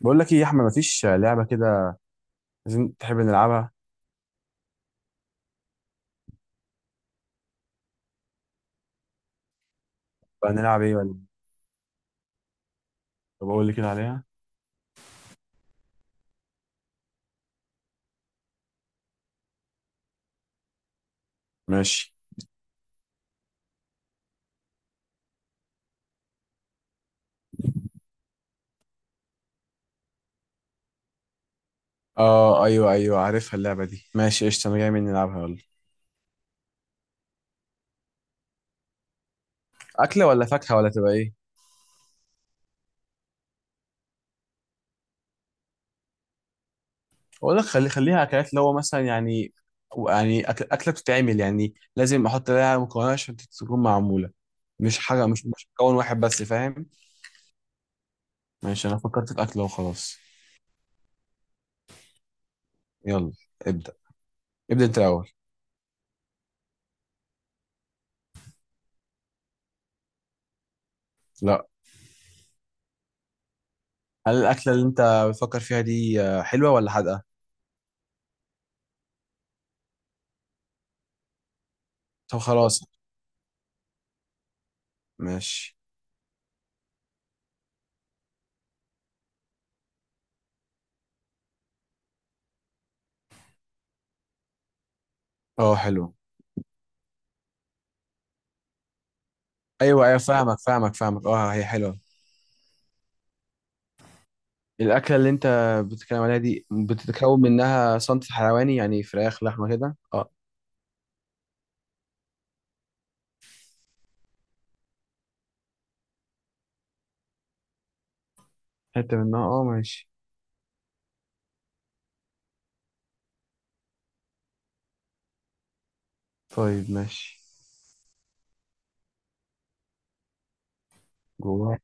بقول لك ايه يا احمد؟ مفيش لعبه كده. عايزين تحب نلعبها. بقى نلعب ايه ولا؟ طب اقول لي كده عليها. ماشي. اه، ايوه ايوه عارفها اللعبه دي، ماشي قشطه، انا جاي من نلعبها يلا. اكله ولا فاكهه ولا تبقى ايه؟ اقول لك خليها اكلات، اللي هو مثلا يعني اكله بتتعمل، يعني لازم احط لها مكونات عشان تكون معموله. مش حاجه، مش مكون واحد بس، فاهم؟ ماشي، انا فكرت في اكله وخلاص. يلا. ابدا، ابدا انت الاول. لا. هل الاكله اللي انت بتفكر فيها دي حلوه ولا حادقه؟ طب خلاص. ماشي. اه حلو. ايوه ايوه، فاهمك فاهمك فاهمك، اه هي حلوه. الاكله اللي انت بتتكلم عليها دي بتتكون منها صنف حيواني، يعني فراخ لحمه كده، اه؟ حته منها، اه ماشي. طيب ماشي. جوه.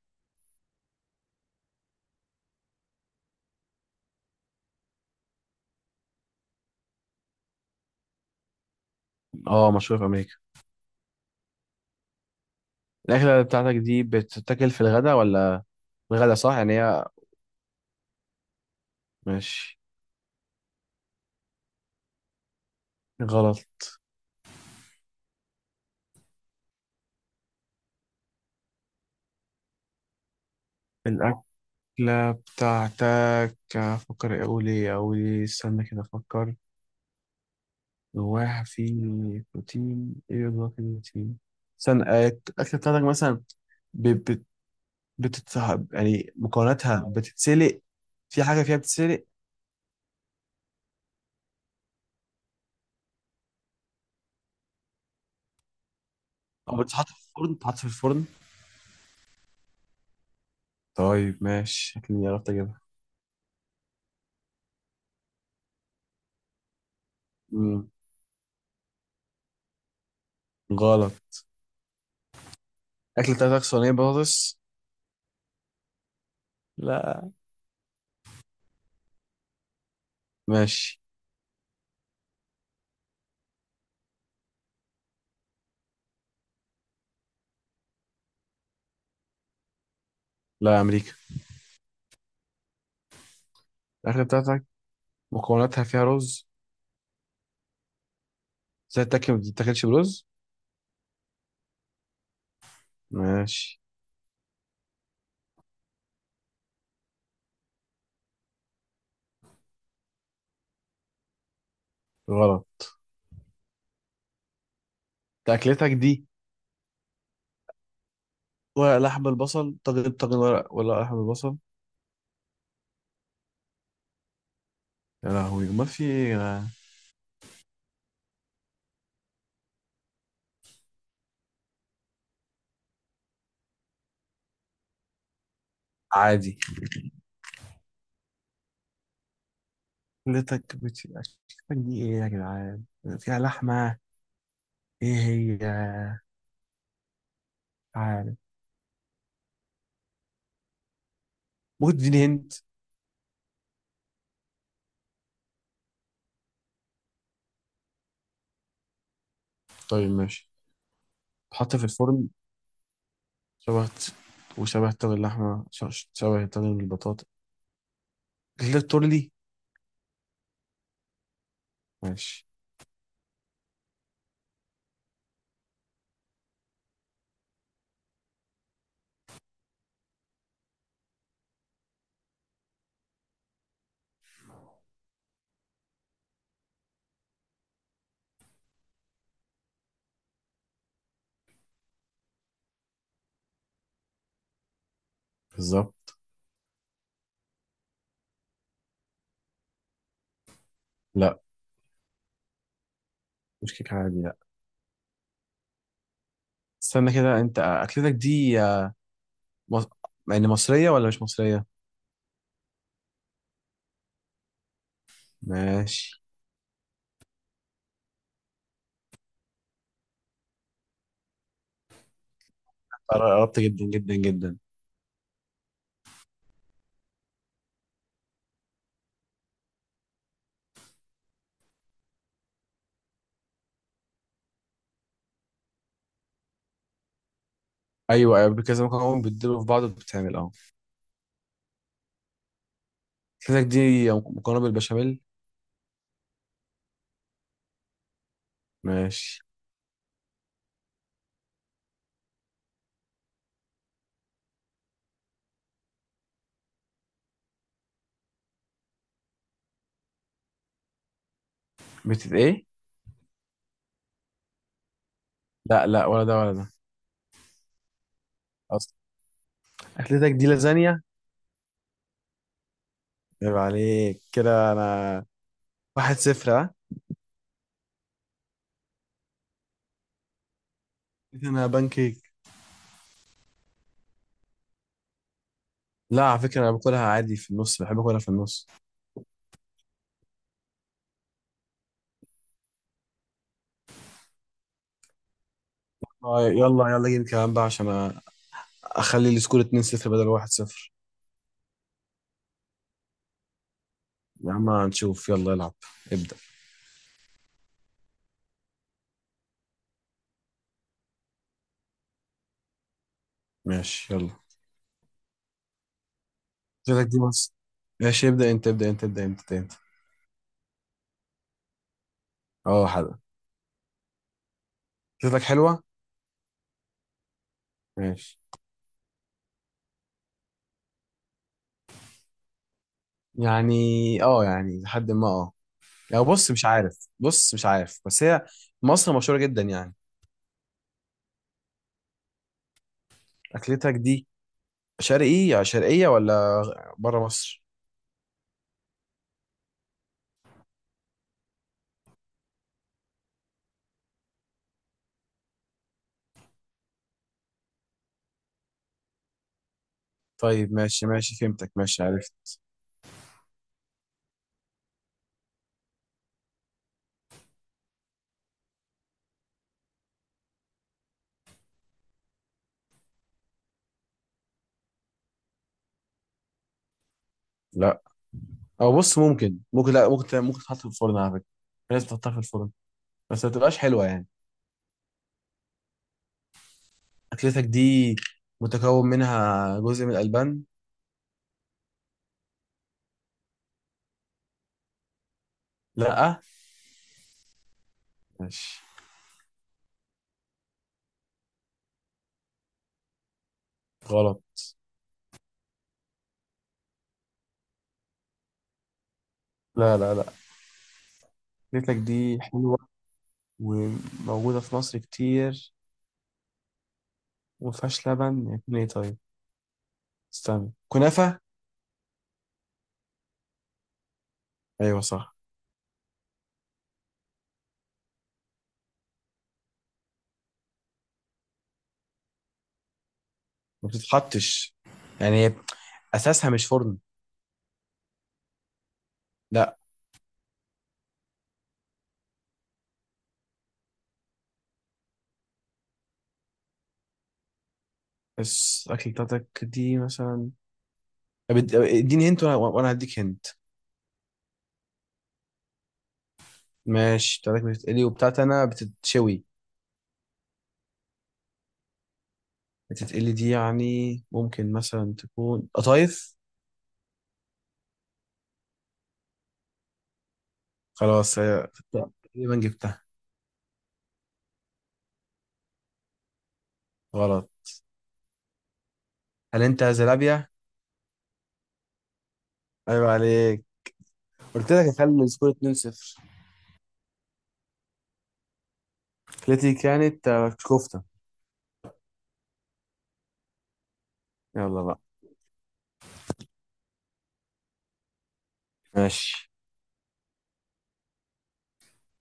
اه، مشهوره في امريكا. الاكله بتاعتك دي بتتاكل في الغداء ولا الغداء؟ صح يعني هي. ماشي. غلط. الاكله بتاعتك، افكر، اقول ايه اقول ايه، استنى كده افكر. جواها في بروتين ايه، جواها في بروتين. استنى، الاكله بتاعتك مثلا ب- بت- بتتسحب، يعني مكوناتها بتتسلق، في حاجة فيها بتتسلق؟ أو بتتحط في الفرن، بتتحط في الفرن. طيب ماشي، شكلي عرفت أجيبها. مم. غلط. الأكلة بتاعتك صينية بطاطس. لا. ماشي. لا، يا أمريكا. الأكلة بتاعتك مكوناتها فيها رز؟ زي التاكل ما بتتاكلش برز. ماشي. غلط. أنت أكلتك دي ورق، لحم، البصل، طاجن، طاجن ولا لحم البصل؟ يا لهوي، أمال في إيه يا جدعان؟ عادي. أكلتك دي إيه يا جدعان؟ فيها لحمة؟ ايه هي؟ عارف؟ ممكن تديني هنت؟ طيب ماشي. تحط في الفرن، شبه الت- وشبه طاجن اللحمة، شبه طاجن البطاطا كده، تورلي؟ ماشي. بالظبط. لا. مش كيك عادي، لا. استنى كده، انت اكلتك دي مص... يعني مصرية ولا مش مصرية؟ ماشي. قربت جدا جدا جدا. ايوه ايوه، كذا مكرونة بتدلوا في بعض وبتتعمل، اه. اكلتك دي مكرونة بالبشاميل. ماشي. بتت ايه؟ لا لا، ولا ده ولا ده. اصلا. اكلتك دي لازانيا. عيب عليك كده، انا واحد صفر، ها. انا بانكيك. لا على فكرة، انا باكلها عادي في النص، بحب اكلها في النص. آه يلا يلا، جيب كمان بقى عشان اخلي السكور 2-0 بدل 1-0. يا عم هنشوف، يلا العب. ابدأ. ماشي يلا. شكلك دي بس. ماشي، ابدأ انت ابدأ انت. اه حلو. شكلك حلوة. ماشي. يعني، اه، يعني لحد ما، اه، يعني بص مش عارف، بص مش عارف، بس هي مصر مشهورة جدا يعني. اكلتك دي شرقي، يعني شرقية ولا بره مصر؟ طيب ماشي ماشي، فهمتك، ماشي عرفت. لا، او بص، ممكن ممكن لا ممكن ممكن تحط في الفرن على فكره. في ناس بتحطها في الفرن. بس ما بتبقاش حلوه يعني. اكلتك دي متكون منها جزء من الالبان؟ لا. ماشي. غلط. لا لا لا. اكلتك دي حلوه وموجوده في مصر كتير، وما فيهاش لبن، يكون ايه طيب؟ استنى، كنافه. ايوه صح. ما بتتحطش، يعني اساسها مش فرن. لا. بس اكلتك دي مثلا، طب اديني هنت وانا هديك هنت. ماشي. بتاعتك بتتقلي وبتاعت انا بتتشوي. بتتقلي دي يعني ممكن مثلا تكون قطايف. خلاص هي تقريبا جبتها. غلط. هل انت زلابيا؟ ايوه عليك. قلت لك اخلي السكور 2-0. التي كانت كفتة. يلا بقى. ماشي.